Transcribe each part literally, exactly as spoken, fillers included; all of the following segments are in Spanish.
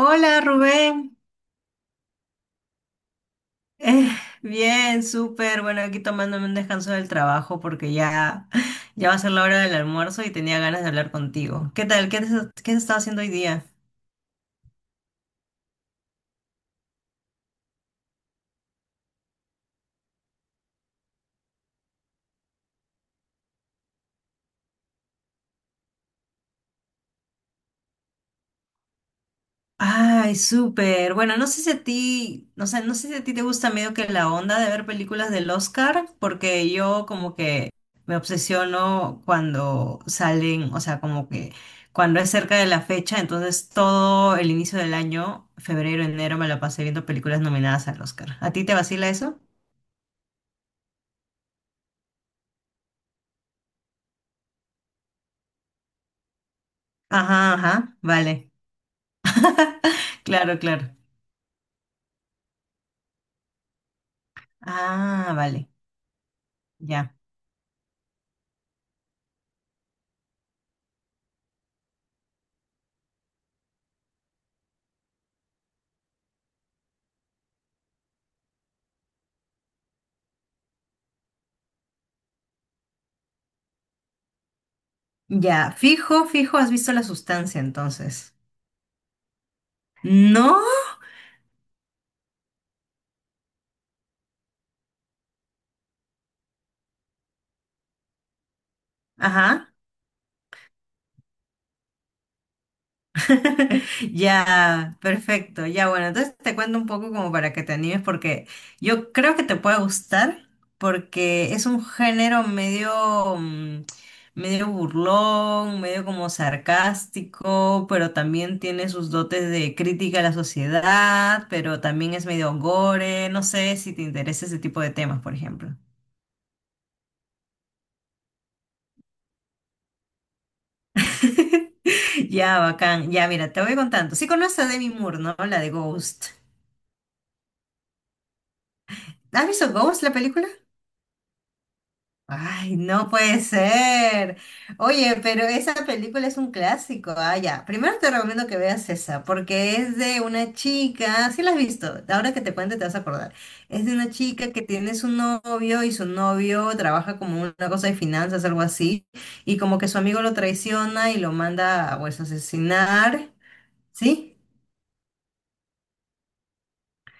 Hola Rubén. Eh, Bien, súper. Bueno, aquí tomándome un descanso del trabajo porque ya, ya va a ser la hora del almuerzo y tenía ganas de hablar contigo. ¿Qué tal? ¿Qué has, qué has estado haciendo hoy día? Ay, súper. Bueno, no sé si a ti, no sé, no sé si a ti te gusta medio que la onda de ver películas del Oscar, porque yo como que me obsesiono cuando salen, o sea, como que cuando es cerca de la fecha, entonces todo el inicio del año, febrero, enero, me la pasé viendo películas nominadas al Oscar. ¿A ti te vacila eso? Ajá, ajá, vale. Claro, claro. Ah, vale, ya. Ya, fijo, fijo, ¿has visto La Sustancia entonces? ¿No? Ajá. Ya, perfecto. Ya, bueno, entonces te cuento un poco como para que te animes porque yo creo que te puede gustar porque es un género medio, mm, medio burlón, medio como sarcástico, pero también tiene sus dotes de crítica a la sociedad, pero también es medio gore. No sé si te interesa ese tipo de temas, por ejemplo. Ya, bacán. Ya, mira, te voy contando. Sí conoces a Demi Moore, ¿no? La de Ghost. ¿Has visto Ghost, la película? Ay, no puede ser. Oye, pero esa película es un clásico. Ah, ya. Primero te recomiendo que veas esa, porque es de una chica, sí la has visto, ahora que te cuente te vas a acordar. Es de una chica que tiene su novio y su novio trabaja como una cosa de finanzas, algo así, y como que su amigo lo traiciona y lo manda a, pues, asesinar, ¿sí?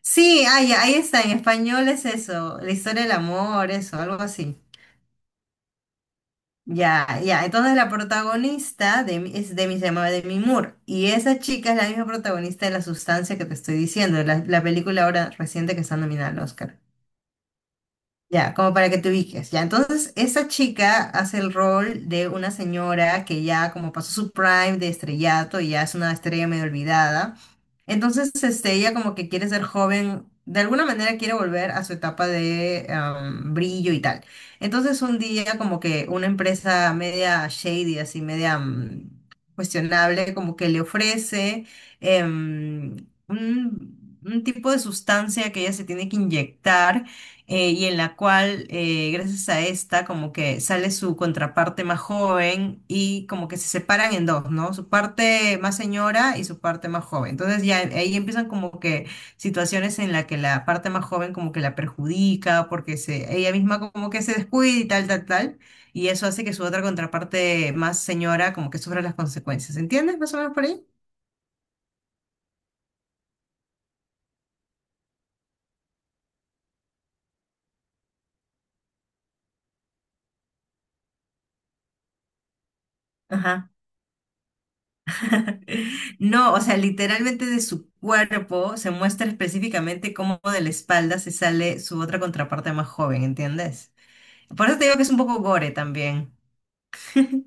Sí, ah, ya, ahí está, en español es eso, la historia del amor, eso, algo así. Ya, ya. Entonces la protagonista de, mi- es Demi, se llama Demi Moore. Y esa chica es la misma protagonista de La Sustancia que te estoy diciendo, la, la película ahora reciente que está nominada al Oscar. Ya, como para que te ubiques. Ya, entonces esa chica hace el rol de una señora que ya como pasó su prime de estrellato y ya es una estrella medio olvidada. Entonces, este, ella como que quiere ser joven, de alguna manera quiere volver a su etapa de am, brillo y tal. Entonces, un día como que una empresa media shady, así media mm, cuestionable, como que le ofrece em, un un tipo de sustancia que ella se tiene que inyectar, eh, y en la cual, eh, gracias a esta, como que sale su contraparte más joven y como que se separan en dos, ¿no? Su parte más señora y su parte más joven. Entonces ya ahí empiezan como que situaciones en la que la parte más joven como que la perjudica porque se, ella misma como que se descuida y tal, tal, tal. Y eso hace que su otra contraparte más señora como que sufra las consecuencias. ¿Entiendes más o menos por ahí? Ajá. No, o sea, literalmente de su cuerpo se muestra específicamente cómo de la espalda se sale su otra contraparte más joven, ¿entiendes? Por eso te digo que es un poco gore también.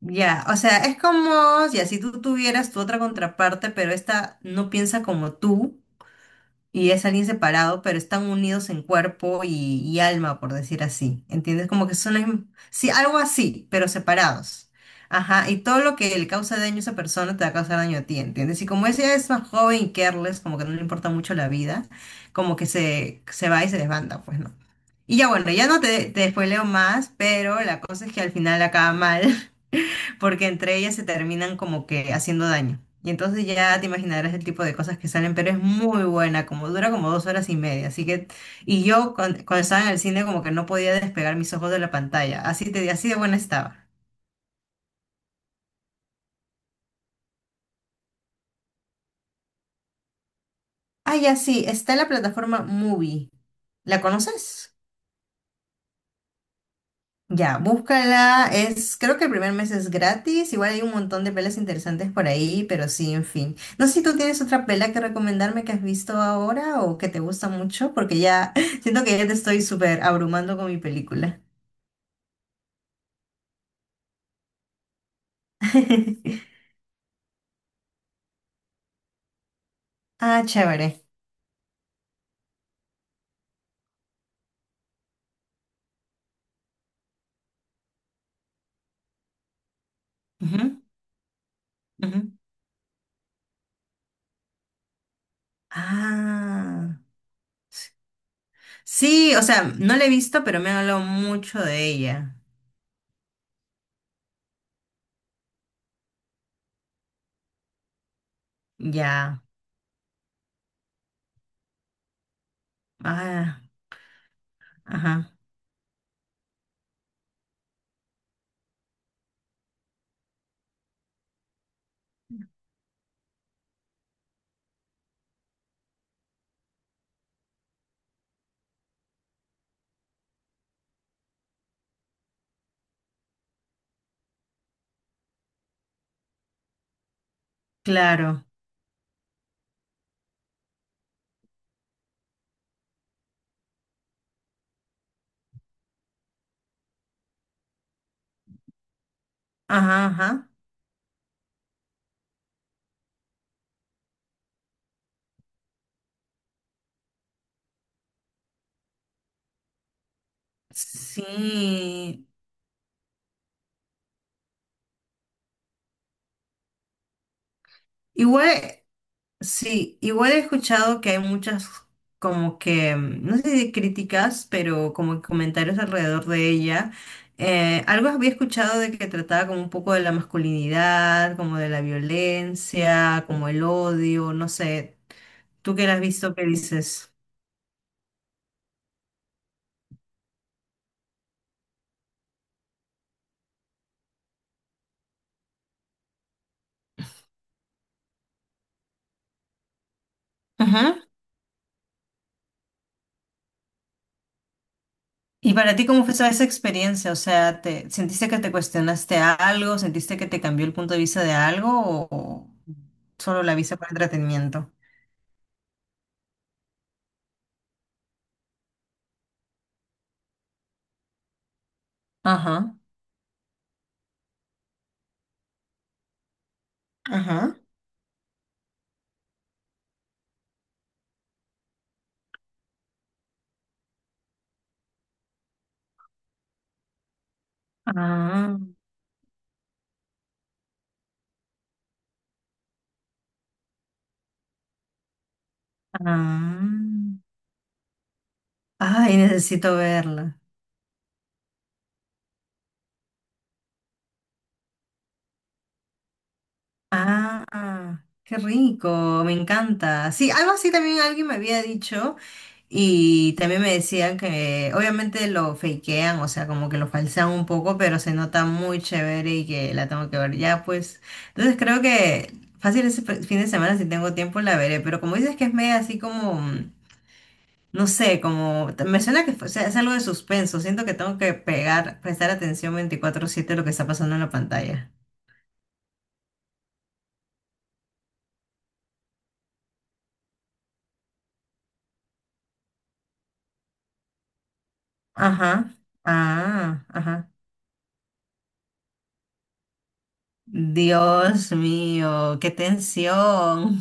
Ya, o sea, es como ya, si tú tuvieras tu otra contraparte, pero esta no piensa como tú, y es alguien separado, pero están unidos en cuerpo y, y alma, por decir así. ¿Entiendes? Como que son, la misma- sí, algo así, pero separados. Ajá, y todo lo que le causa daño a esa persona te va a causar daño a ti, ¿entiendes? Y como ella es más joven y careless, como que no le importa mucho la vida, como que se, se va y se desbanda, pues no. Y ya bueno, ya no te, te spoileo más, pero la cosa es que al final acaba mal porque entre ellas se terminan como que haciendo daño. Y entonces ya te imaginarás el tipo de cosas que salen, pero es muy buena, como dura como dos horas y media. Así que, y yo cuan- cuando estaba en el cine como que no podía despegar mis ojos de la pantalla. Así te, así de buena estaba. Ah, ya sí, está en la plataforma Movie. ¿La conoces? Ya, búscala. Es, creo que el primer mes es gratis. Igual hay un montón de pelas interesantes por ahí, pero sí, en fin. No sé si tú tienes otra pela que recomendarme que has visto ahora o que te gusta mucho, porque ya siento que ya te estoy súper abrumando con mi película. Ah, chévere. Ujú, ujú. Ah, sí, o sea, no la he visto, pero me han hablado mucho de ella. Ya. Ah, ajá, claro. Ajá, ajá. Sí. Igual. Sí, igual he escuchado que hay muchas como que, mm, no sé si críticas, pero como que comentarios alrededor de ella. Eh, algo había escuchado de que trataba como un poco de la masculinidad, como de la violencia, como el odio, no sé. ¿Tú que la has visto, qué dices? Ujú. ¿Y para ti cómo fue esa esa experiencia? O sea, ¿te sentiste que te cuestionaste algo? ¿Sentiste que te cambió el punto de vista de algo o o solo la viste por entretenimiento? Ajá, ajá. Ah, ah. Ay, necesito verla. Ah, ah, qué rico, me encanta. Sí, algo así también alguien me había dicho y también me decían que obviamente lo fakean, o sea, como que lo falsean un poco, pero se nota muy chévere y que la tengo que ver ya, pues. Entonces creo que fácil ese fe- fin de semana si tengo tiempo la veré, pero como dices que es media así como mm, no sé, como me suena que fue- o sea, es algo de suspenso. Siento que tengo que pegar, prestar atención veinticuatro siete a lo que está pasando en la pantalla. Ajá. Ah, ajá. Dios mío, qué tensión.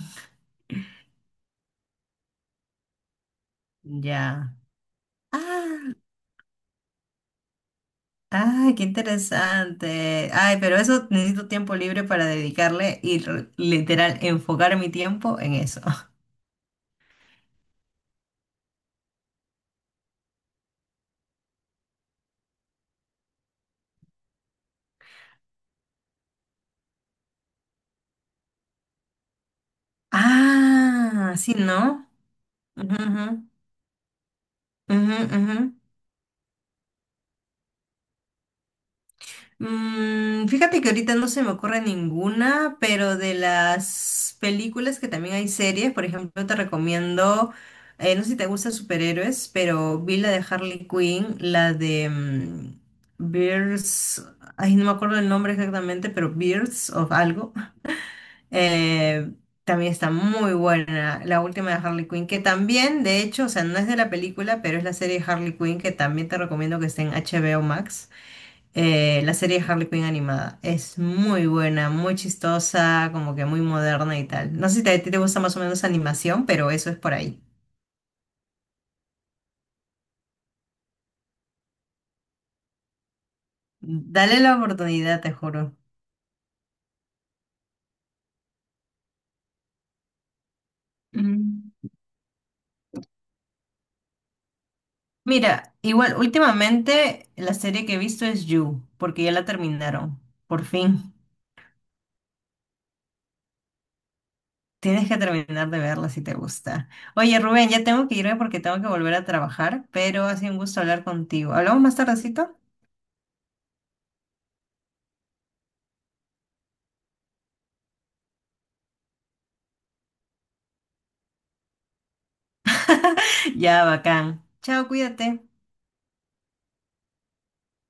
Ya. Ah, ay, qué interesante. Ay, pero eso necesito tiempo libre para dedicarle y r- literal enfocar mi tiempo en eso. Ah, sí, ¿no? Ujú, ujú, ujú, ujú. Mm, fíjate que ahorita no se me ocurre ninguna, pero de las películas que también hay series, por ejemplo, te recomiendo, eh, no sé si te gustan superhéroes, pero vi la de Harley Quinn, la de mm, Birds, ay, no me acuerdo el nombre exactamente, pero Birds o algo. eh, También está muy buena la última de Harley Quinn, que también, de hecho, o sea, no es de la película, pero es la serie de Harley Quinn, que también te recomiendo, que esté en H B O Max, eh, la serie de Harley Quinn animada. Es muy buena, muy chistosa, como que muy moderna y tal. No sé si te- a ti te gusta más o menos animación, pero eso es por ahí. Dale la oportunidad, te juro. Mm. Mira, igual últimamente la serie que he visto es You, porque ya la terminaron. Por fin. Tienes que terminar de verla si te gusta. Oye, Rubén, ya tengo que irme porque tengo que volver a trabajar, pero ha sido un gusto hablar contigo. ¿Hablamos más tardecito? Ya, bacán. Chao, cuídate.